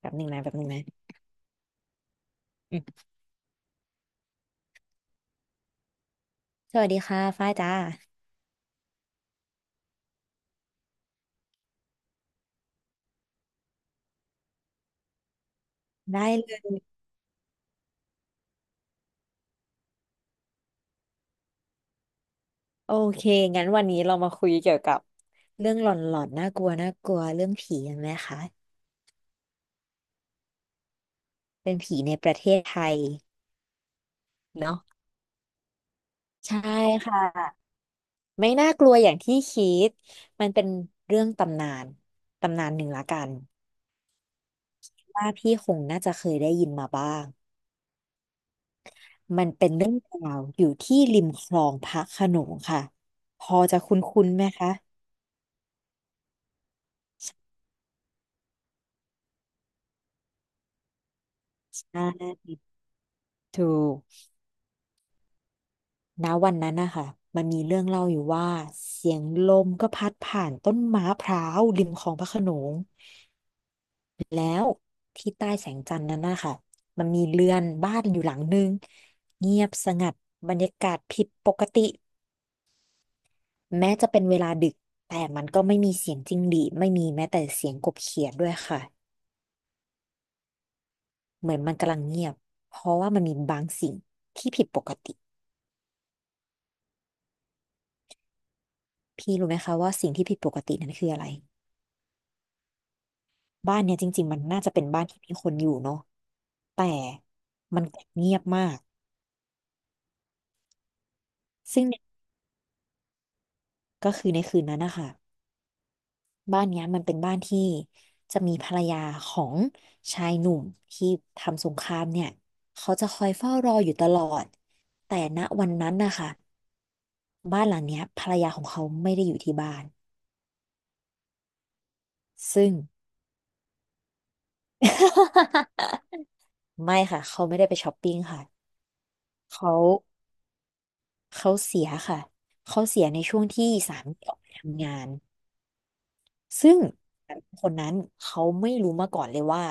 แบบหนึ่งนะสวัสดีค่ะฝ้ายจ้าได้เลยโอเคงั้นวันนี้เรามาคุยเกี่ยวกับเรื่องหลอนๆน่ากลัวเรื่องผีกันไหมคะเป็นผีในประเทศไทยเนาะใช่ค่ะไม่น่ากลัวอย่างที่คิดมันเป็นเรื่องตำนานตำนานหนึ่งละกันว่าพี่คงน่าจะเคยได้ยินมาบ้างมันเป็นเรื่องราวอยู่ที่ริมคลองพระโขนงค่ะพอจะคุ้นๆไหมคะใช่ถูก ณวันนั้นนะคะมันมีเรื่องเล่าอยู่ว่าเสียงลมก็พัดผ่านต้นไม้พร้าวริมคลองพระโขนงแล้วที่ใต้แสงจันทร์นั้นนะคะมันมีเรือนบ้านอยู่หลังนึงเงียบสงัดบรรยากาศผิดปกติแม้จะเป็นเวลาดึกแต่มันก็ไม่มีเสียงจิ้งหรีดไม่มีแม้แต่เสียงกบเขียดด้วยค่ะเหมือนมันกำลังเงียบเพราะว่ามันมีบางสิ่งที่ผิดปกติพี่รู้ไหมคะว่าสิ่งที่ผิดปกตินั้นคืออะไร บ้านเนี่ยจริงๆมันน่าจะเป็นบ้านที่มีคนอยู่เนาะแต่มันเงียบมากซึ่งเนี่ยก็คือในคืนนั้นนะคะบ้านเนี้ยมันเป็นบ้านที่จะมีภรรยาของชายหนุ่มที่ทำสงครามเนี่ยเขาจะคอยเฝ้ารออยู่ตลอดแต่ณวันนั้นนะคะบ้านหลังเนี้ยภรรยาของเขาไม่ได้อยู่ที่บ้านซึ่ง ไม่ค่ะเขาไม่ได้ไปช้อปปิ้งค่ะเขาเขาเสียค่ะเขาเสียในช่วงที่สามีออกไปทำงาน ซึ่งคนนั้นเขาไม่รู้มาก่อนเลยว่า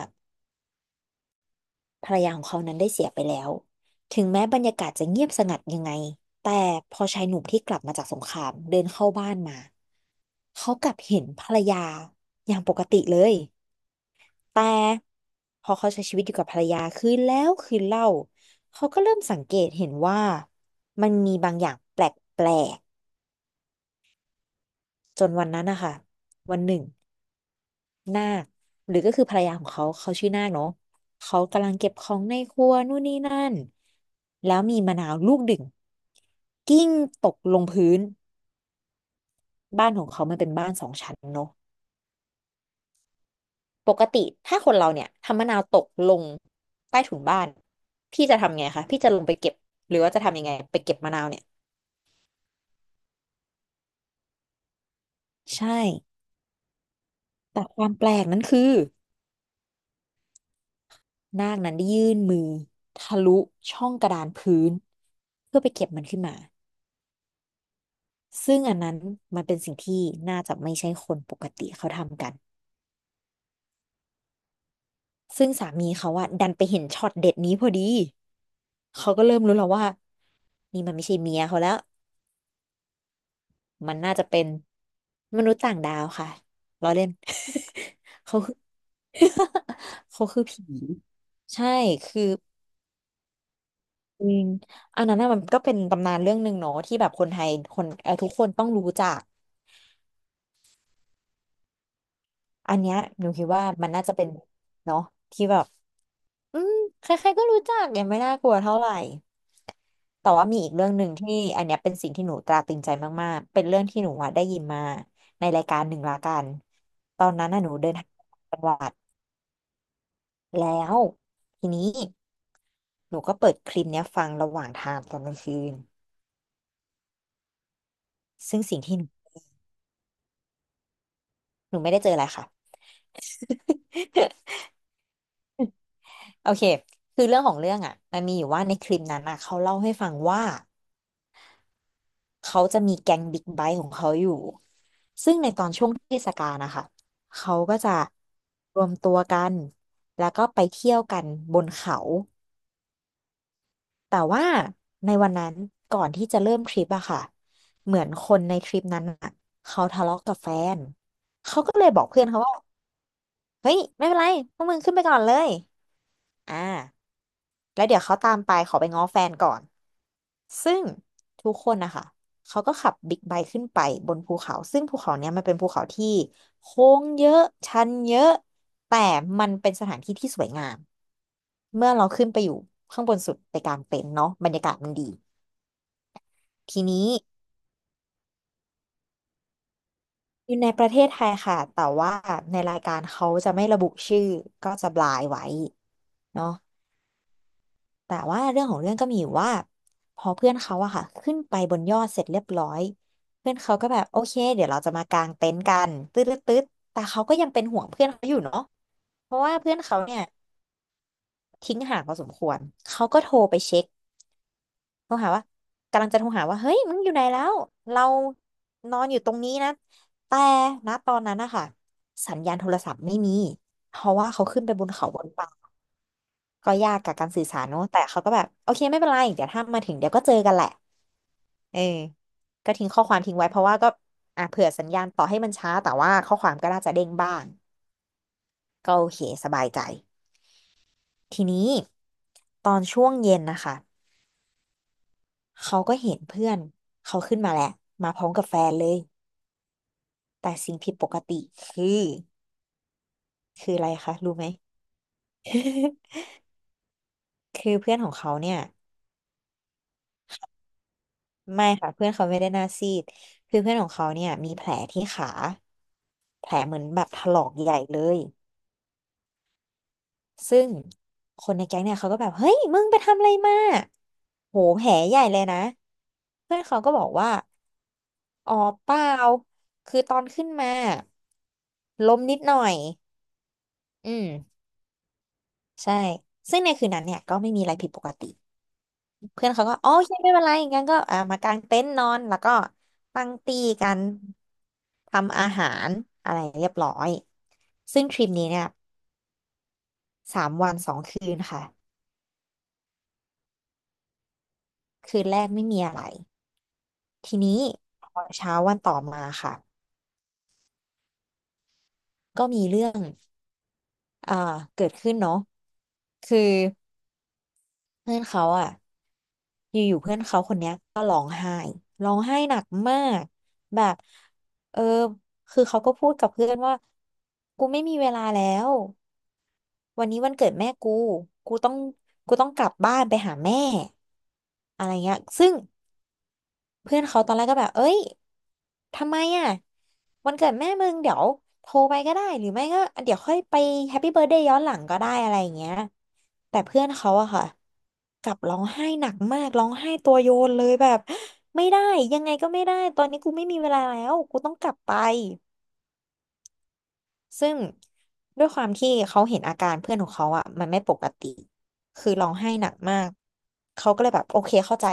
ภรรยาของเขานั้นได้เสียไปแล้วถึงแม้บรรยากาศจะเงียบสงัดยังไงแต่พอชายหนุ่มที่กลับมาจากสงครามเดินเข้าบ้านมาเขากลับเห็นภรรยาอย่างปกติเลยแต่พอเขาใช้ชีวิตอยู่กับภรรยาคืนแล้วคืนเล่าเขาก็เริ่มสังเกตเห็นว่ามันมีบางอย่างแปลกๆจนวันนั้นนะคะวันหนึ่ง นาคหรือก็คือภรรยาของเขาเขาชื่อนาคเนาะเขากำลังเก็บของในครัวนู่นนี่นั่นแล้วมีมะนาวลูกดึงกิ้งตกลงพื้นบ้านของเขามันเป็นบ้านสองชั้นเนาะปกติถ้าคนเราเนี่ยทำมะนาวตกลงใต้ถุนบ้านพี่จะทำไงคะพี่จะลงไปเก็บหรือว่าจะทำยังไงไปเก็บมะนาวเนี่ยใช่แต่ความแปลกนั้นคือนาคนั้นได้ยื่นมือทะลุช่องกระดานพื้นเพื่อไปเก็บมันขึ้นมา ซึ่งอันนั้นมันเป็นสิ่งที่น่าจะไม่ใช่คนปกติเขาทำกัน ซึ่งสามีเขาอะดันไปเห็นช็อตเด็ดนี้พอดีเขาก็เริ่มรู้แล้วว่านี่มันไม่ใช่เมียเขาแล้วมันน่าจะเป็นมนุษย์ต่างดาวค่ะล้อเล่น เขาคือ เขาคือผีใช่ คือออันนั้นน่ะมันก็เป็นตำนานเรื่องหนึ่งเนาะที่แบบคนไทยคนทุกคนต้องรู้จักอันเนี้ยหนูคิดว่ามันน่าจะเป็นเนาะที่แบบ อืมใครๆก็รู้จักยังไม่น่ากลัวเท่าไหร่แต่ว่ามีอีกเรื่องหนึ่งที่อันเนี้ยเป็นสิ่งที่หนูตราตรึงใจมากๆเป็นเรื่องที่หนูอะได้ยินมาในรายการหนึ่งละกันตอนนั้นน่ะหนูเดินทางจังหวัดแล้วทีนี้หนูก็เปิดคลิปเนี้ยฟังระหว่างทางตอนกลางคืนซึ่งสิ่งที่หนูไม่ได้เจออะไรค่ะ โอเคคือเรื่องของเรื่องอ่ะมันมีอยู่ว่าในคลิปนั้นอ่ะเขาเล่าให้ฟังว่า เขาจะมีแก๊งบิ๊กไบค์ของเขาอยู่ ซึ่งในตอนช่วงเทศกาลนะคะ เขาก็จะรวมตัวกัน แล้วก็ไปเที่ยวกันบนเขา แต่ว่าในวันนั้นก่อนที่จะเริ่มทริปอะค่ะ เหมือนคนในทริปนั้นอะเขาทะเลาะกับแฟน เขาก็เลยบอกเพื่อนเขาว่าเฮ้ยไม่เป็นไรพวกมึงขึ้นไปก่อนเลย อ่า แล้วเดี๋ยวเขาตามไปขอไปง้อแฟนก่อน ซึ่งทุกคนนะคะเขาก็ขับบิ๊กไบค์ขึ้นไปบนภูเขาซึ่งภูเขาเนี้ยมันเป็นภูเขาที่โค้งเยอะชันเยอะแต่มันเป็นสถานที่ที่สวยงามเมื่อเราขึ้นไปอยู่ข้างบนสุดไปกางเต็นท์เนาะบรรยากาศมันดีทีนี้อยู่ในประเทศไทยค่ะแต่ว่าในรายการเขาจะไม่ระบุชื่อก็จะบลายไว้เนาะ แต่ว่าเรื่องของเรื่องก็มีอยู่ว่าพอเพื่อนเขาอะค่ะขึ้นไปบนยอดเสร็จเรียบร้อยเพื่อนเขาก็แบบโอเคเดี๋ยวเราจะมากางเต็นท์กันตืดตืดแต่เขาก็ยังเป็นห่วงเพื่อนเขาอยู่เนาะเพราะว่าเพื่อนเขาเนี่ยทิ้งห่างพอสมควรเขาก็โทรไปเช็คโทรหาว่ากำลังจะโทรหาว่าเฮ้ยมึงอยู่ไหนแล้วเรานอนอยู่ตรงนี้นะแต่ณตอนนั้นนะคะสัญญาณโทรศัพท์ไม่มีเพราะว่าเขาขึ้นไปบนเขาบนป่าก็ยากกับการสื่อสารเนอะแต่เขาก็แบบโอเคไม่เป็นไรเดี๋ยวถ้ามาถึงเดี๋ยวก็เจอกันแหละ เออก็ทิ้งข้อความทิ้งไว้เพราะว่าก็อ่ะเผื่อสัญญาณต่อให้มันช้าแต่ว่าข้อความก็น่าจะเด้งบ้างก็โอเคสบายใจทีนี้ตอนช่วงเย็นนะคะเขาก็เห็นเพื่อนเขาขึ้นมาแหละมาพร้อมกับแฟนเลยแต่สิ่งผิดปกติคือคืออะไรคะรู้ไหม คือเพื่อนของเขาเนี่ยไม่ค่ะเพื่อนเขาไม่ได้หน้าซีดคือเพื่อนของเขาเนี่ยมีแผลที่ขาแผล ซึ่งคนในแก๊งเนี่ยเขาก็แบบเฮ้ยมึงไปทำอะไรมาโหแผลใหญ่เลยนะ เพื่อนเขาก็บอกว่าอ๋อเปล่าคือตอนขึ้นมาล้มนิดหน่อย อืมใช่ซึ่งในคืนนั้นเนี่ยก็ไม่มีอะไรผิดปกติ เพื่อนเขาก็อ๋อโอเคไม่เป็นไรงั้นก็อ่ามากางเต็นท์นอนแล้วก็ตั้งตีกันทำอาหารอะไรเรียบร้อย ซึ่งทริปนี้เนี่ย3 วัน2 คืนค่ะคืนแรกไม่มีอะไร ทีนี้พอเช้าวันต่อมาค่ะก็มีเรื่องเกิดขึ้นเนาะคือเพื่อนเขาอ่ะอยู่ๆเพื่อนเขาคนเนี้ยร้องไห้หนักมากแบบเออคือเขาก็พูดกับเพื่อนว่ากูไม่มีเวลาแล้ววันนี้วันเกิดแม่กูกูต้องกูต้องกลับบ้านไปหาแม่อะไรเงี้ยซึ่ง เพื่อนเขาตอนแรกก็แบบ เอ้ย ทำไมอ่ะ วันเกิดแม่มึงเดี๋ยวโทรไปก็ได้ หรือไม่ก็เดี๋ยวค่อยไปแฮปปี้เบิร์ a y เดย์ย้อนหลังก็ได้อะไรอย่างเงี้ย แต่เพื่อนเขาอะค่ะ กลับร้องไห้หนักมากร้องไห้ตัวโยนเลยแบบ ไม่ได้ยังไงก็ไม่ได้ ตอนนี้กูไม่มีเวลาแล้ว กูต้องกลับไป ซึ่งด้วยความที่เขาเห็นอาการเพื่อนของเขาอ่ะมันไม่ปกติคือร้องไห้หนักมากเขาก็เลยแบบโอเคเข้าใจ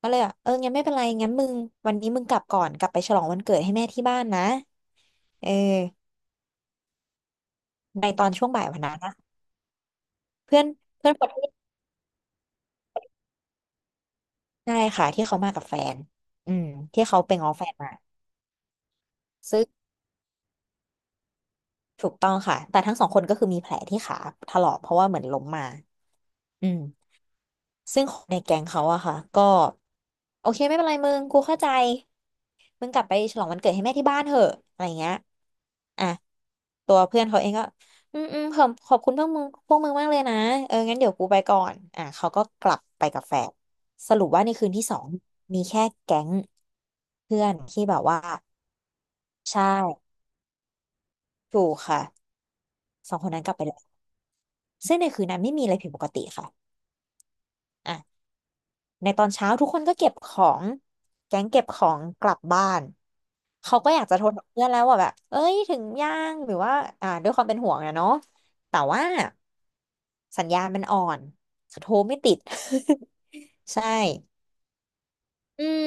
ก็เลยแบบเอองั้นไม่เป็นไรงั้นมึงวันนี้มึงกลับก่อนกลับไปฉลองวันเกิดให้แม่ที่บ้านนะเออในตอนช่วงบ่ายวันนั้นนะเพื่อนเพื่อนคนที่ใช่ค่ะที่เขามากับแฟนอืมที่เขาไปง้อแฟนมาซึ่งถูกต้องค่ะแต่ทั้งสองคนก็คือมีแผลที่ขาถลอกเพราะว่าเหมือนล้มมาอืมซึ่งคนในแก๊งเขาอะค่ะก็โอเคไม่เป็นไรมึงกูเข้าใจ มึงกลับไปฉลองวันเกิดให้แม่ที่บ้านเถอะอะไรเงี้ยอ่ะตัวเพื่อนเขาเองก็ อืมอืมขอบคุณพวกมึงมากเลยนะ เอองั้นเดี๋ยวกูไปก่อนอ่ะเขาก็กลับไปกับแฟนสรุปว่าในคืนที่สองมีแค่แก๊งเพื่อนที่แบบว่าใช่ถูกค่ะสองคนนั้นกลับไปแล้วซึ่งในคืนนั้นไม่มีอะไรผิดปกติค่ะ ในตอนเช้าทุกคนก็เก็บของแก๊งเก็บของกลับบ้านเขาก็อยากจะโทรหาเพื่อนแล้วว่าแบบเอ้ยถึงยังหรือว่าอ่าด้วยความเป็นห่วงนะเนาะแต่ว่าสัญญาณมันอ่อนโทรไม่ติด ใช่อืม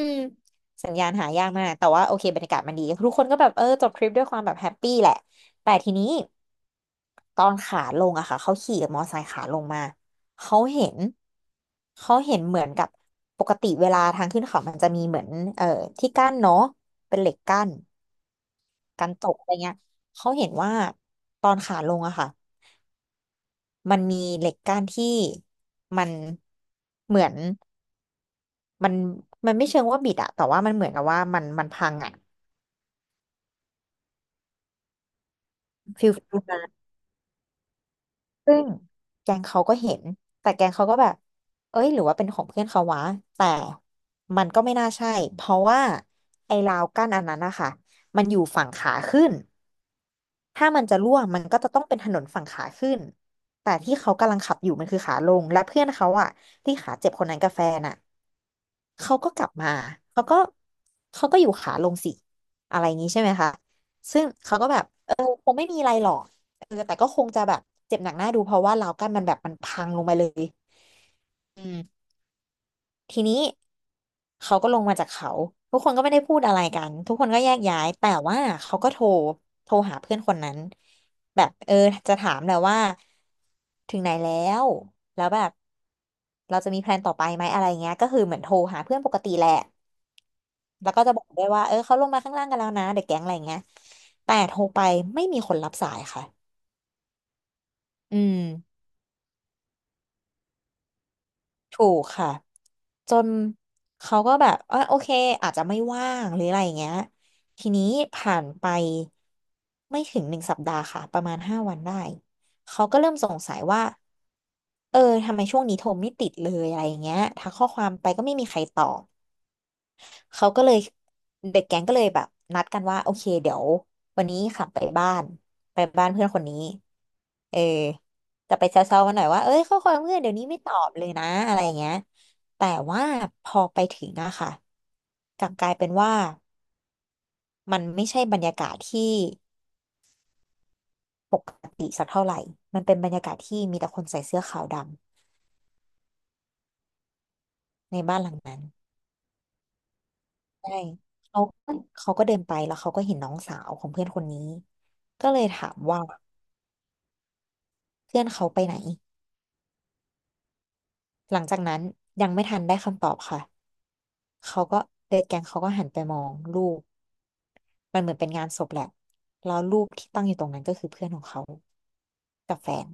สัญญาณหายากมากแต่ว่าโอเคบรรยากาศมันดีทุกคนก็แบบเออจบทริปด้วยความแบบแฮปปี้แหละแต่ทีนี้ ตอนขาลงอะค่ะเขาขี่มอไซค์ขาลงมาเขาเห็นเขาเห็นเหมือนกับปกติเวลาทางขึ้นเขามันจะมีเหมือนเอ่อที่กั้นเนาะเป็นเหล็กกั้นกันตกอะไรเงี้ยเขาเห็นว่าตอนขาลงอะค่ะมันมีเหล็กกั้นที่มันเหมือนมันไม่เชิงว่าบิดอะแต่ว่ามันเหมือนกับว่ามันพังอะฟิลฟิล ซึ่งแกงเขาก็เห็นแต่แกงเขาก็แบบเอ้ยหรือว่าเป็นของเพื่อนเขาวะแต่มันก็ไม่น่าใช่ เพราะว่าไอ้ราวกั้นอันนั้นนะคะมันอยู่ฝั่งขาขึ้นถ้ามันจะร่วงมันก็จะต้องเป็นถนนฝั่งขาขึ้นแต่ที่เขากำลังขับอยู่มันคือขาลงและเพื่อนเขาอะที่ขาเจ็บคนนั้นกับแฟนอะ เขาก็กลับมา เขาก็ เขาก็อยู่ขาลงสิ อะไรอย่างนี้ใช่ไหมคะ ซึ่งเขาก็แบบ เออคงไม่มีอะไรหรอกเออแต่ก็คงจะแบบ เจ็บหนักหน้าดูเพราะว่าล้าวกั้นมันแบบมันพังลงไปเลยอืม ทีนี้เขาก็ลงมาจากเขาทุกคนก็ไม่ได้พูดอะไรกันทุกคนก็แยกย้ายแต่ว่าเขาก็โทรหาเพื่อนคนนั้นแบบเออจะถามแหละว่าถึงไหนแล้วแล้วแบบเราจะมีแพลนต่อไปไหมอะไรเงี้ยก็คือเหมือนโทรหาเพื่อนปกติแหละแล้วก็จะบอกด้วยว่าเออเขาลงมาข้างล่างกันแล้วนะเด็กแก๊งอะไรเงี้ยแต่โทรไปไม่มีคนรับสายค่ะอืม ถูกค่ะจนเขาก็แบบอ่ะโอเคอาจจะไม่ว่างหรืออะไรอย่างเงี้ยทีนี้ผ่านไปไม่ถึงหนึ่งสัปดาห์ค่ะประมาณห้าวันได้เขาก็เริ่มสงสัยว่าเออทำไมช่วงนี้โทรไม่ติดเลยอะไรอย่างเงี้ยทักข้อความไปก็ไม่มีใครตอบ เขาก็เลยเด็กแก๊งก็เลยแบบนัดกันว่าโอเคเดี๋ยววันนี้ขับไปบ้านไปบ้านเพื่อนคนนี้เออจะไปแซวๆมันหน่อยว่าเอ้ยข้อความเพื่อนเดี๋ยวนี้ไม่ตอบเลยนะอะไรอย่างเงี้ยแต่ว่าพอไปถึงอะค่ะกลับกลายเป็นว่ามันไม่ใช่บรรยากาศที่ปกติสักเท่าไหร่มันเป็นบรรยากาศที่มีแต่คนใส่เสื้อขาวดำในบ้านหลังนั้นใช่เขาเขาก็เดินไปแล้วเขาก็เห็นน้องสาวของเพื่อนคนนี้ก็เลยถามว่า เพื่อนเขาไปไหนหลังจากนั้นยังไม่ทันได้คำตอบค่ะเขาก็เดดแกงเขาก็หันไปมองรูปมันเหมือนเป็นงานศพแหละแล้วรูปที่ตั้งอยู่ตรงนั้นก็คือเพื่อนของเขากับแฟน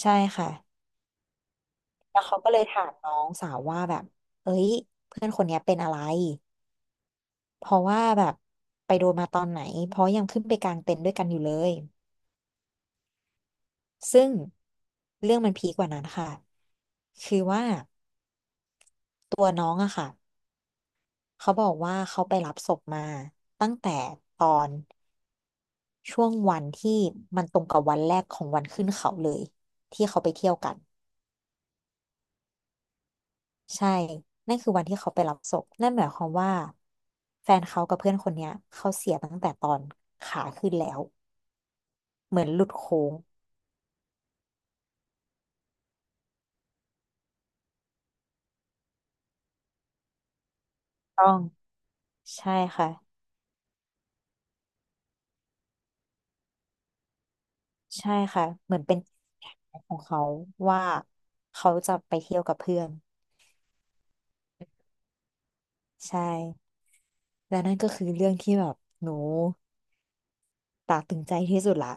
ใช่ค่ะแล้วเขาก็เลยถามน้องสาวว่าแบบเอ้ยเพื่อนคนเนี้ยเป็นอะไรเพราะว่าแบบไปโดนมาตอนไหนเพราะยังขึ้นไปกลางเต็นท์ด้วยกันอยู่เลยซึ่งเรื่องมันพีคกว่านั้นค่ะคือว่าตัวน้องอะค่ะ เขาบอกว่าเขาไปรับศพมาตั้งแต่ตอนช่วงวันที่มันตรงกับวันแรกของวันขึ้นเขาเลยที่เขาไปเที่ยวกันใช่ นั่นคือวันที่เขาไปรับศพนั่นหมายความว่าแฟนเขากับเพื่อนคนเนี้ยเขาเสียตั้งแต่ตอนขาขึ้นแล้วเหมือนหลุดโค้งต้องใช่ค่ะใช่ค่ะเหมือนเป็นแผนของเขาว่าเขาจะไปเที่ยวกับเพื่อนใช่และนั่นก็คือเรื่องที่แบบหนูตราตรึงใจที่สุดละ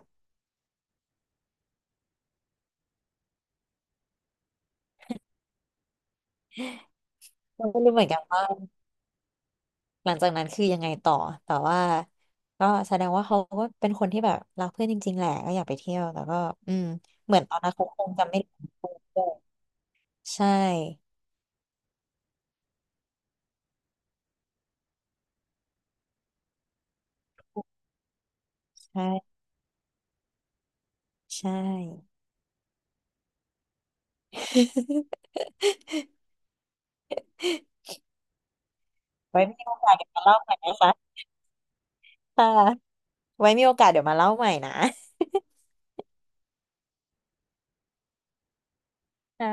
เราไม่รู้เหมือนกันว่าหลังจากนั้นคือยังไงต่อแต่ว่าก็แสดงว่าเขาก็เป็นคนที่แบบรักเพื่อนจริงๆแหละก็อยากไปเที่ยวแต่ก็อืมเหมือนตอนนั้นเขาคงจะไม่ได้พูดด้วยใช่ใช่ใช่ไว้มีโอกาสเดี๋ยวมาเล่าใหม่นะคะค่ะไว้มีโอกาสเดี๋ยวมาเล่าใหม่นะค่ะ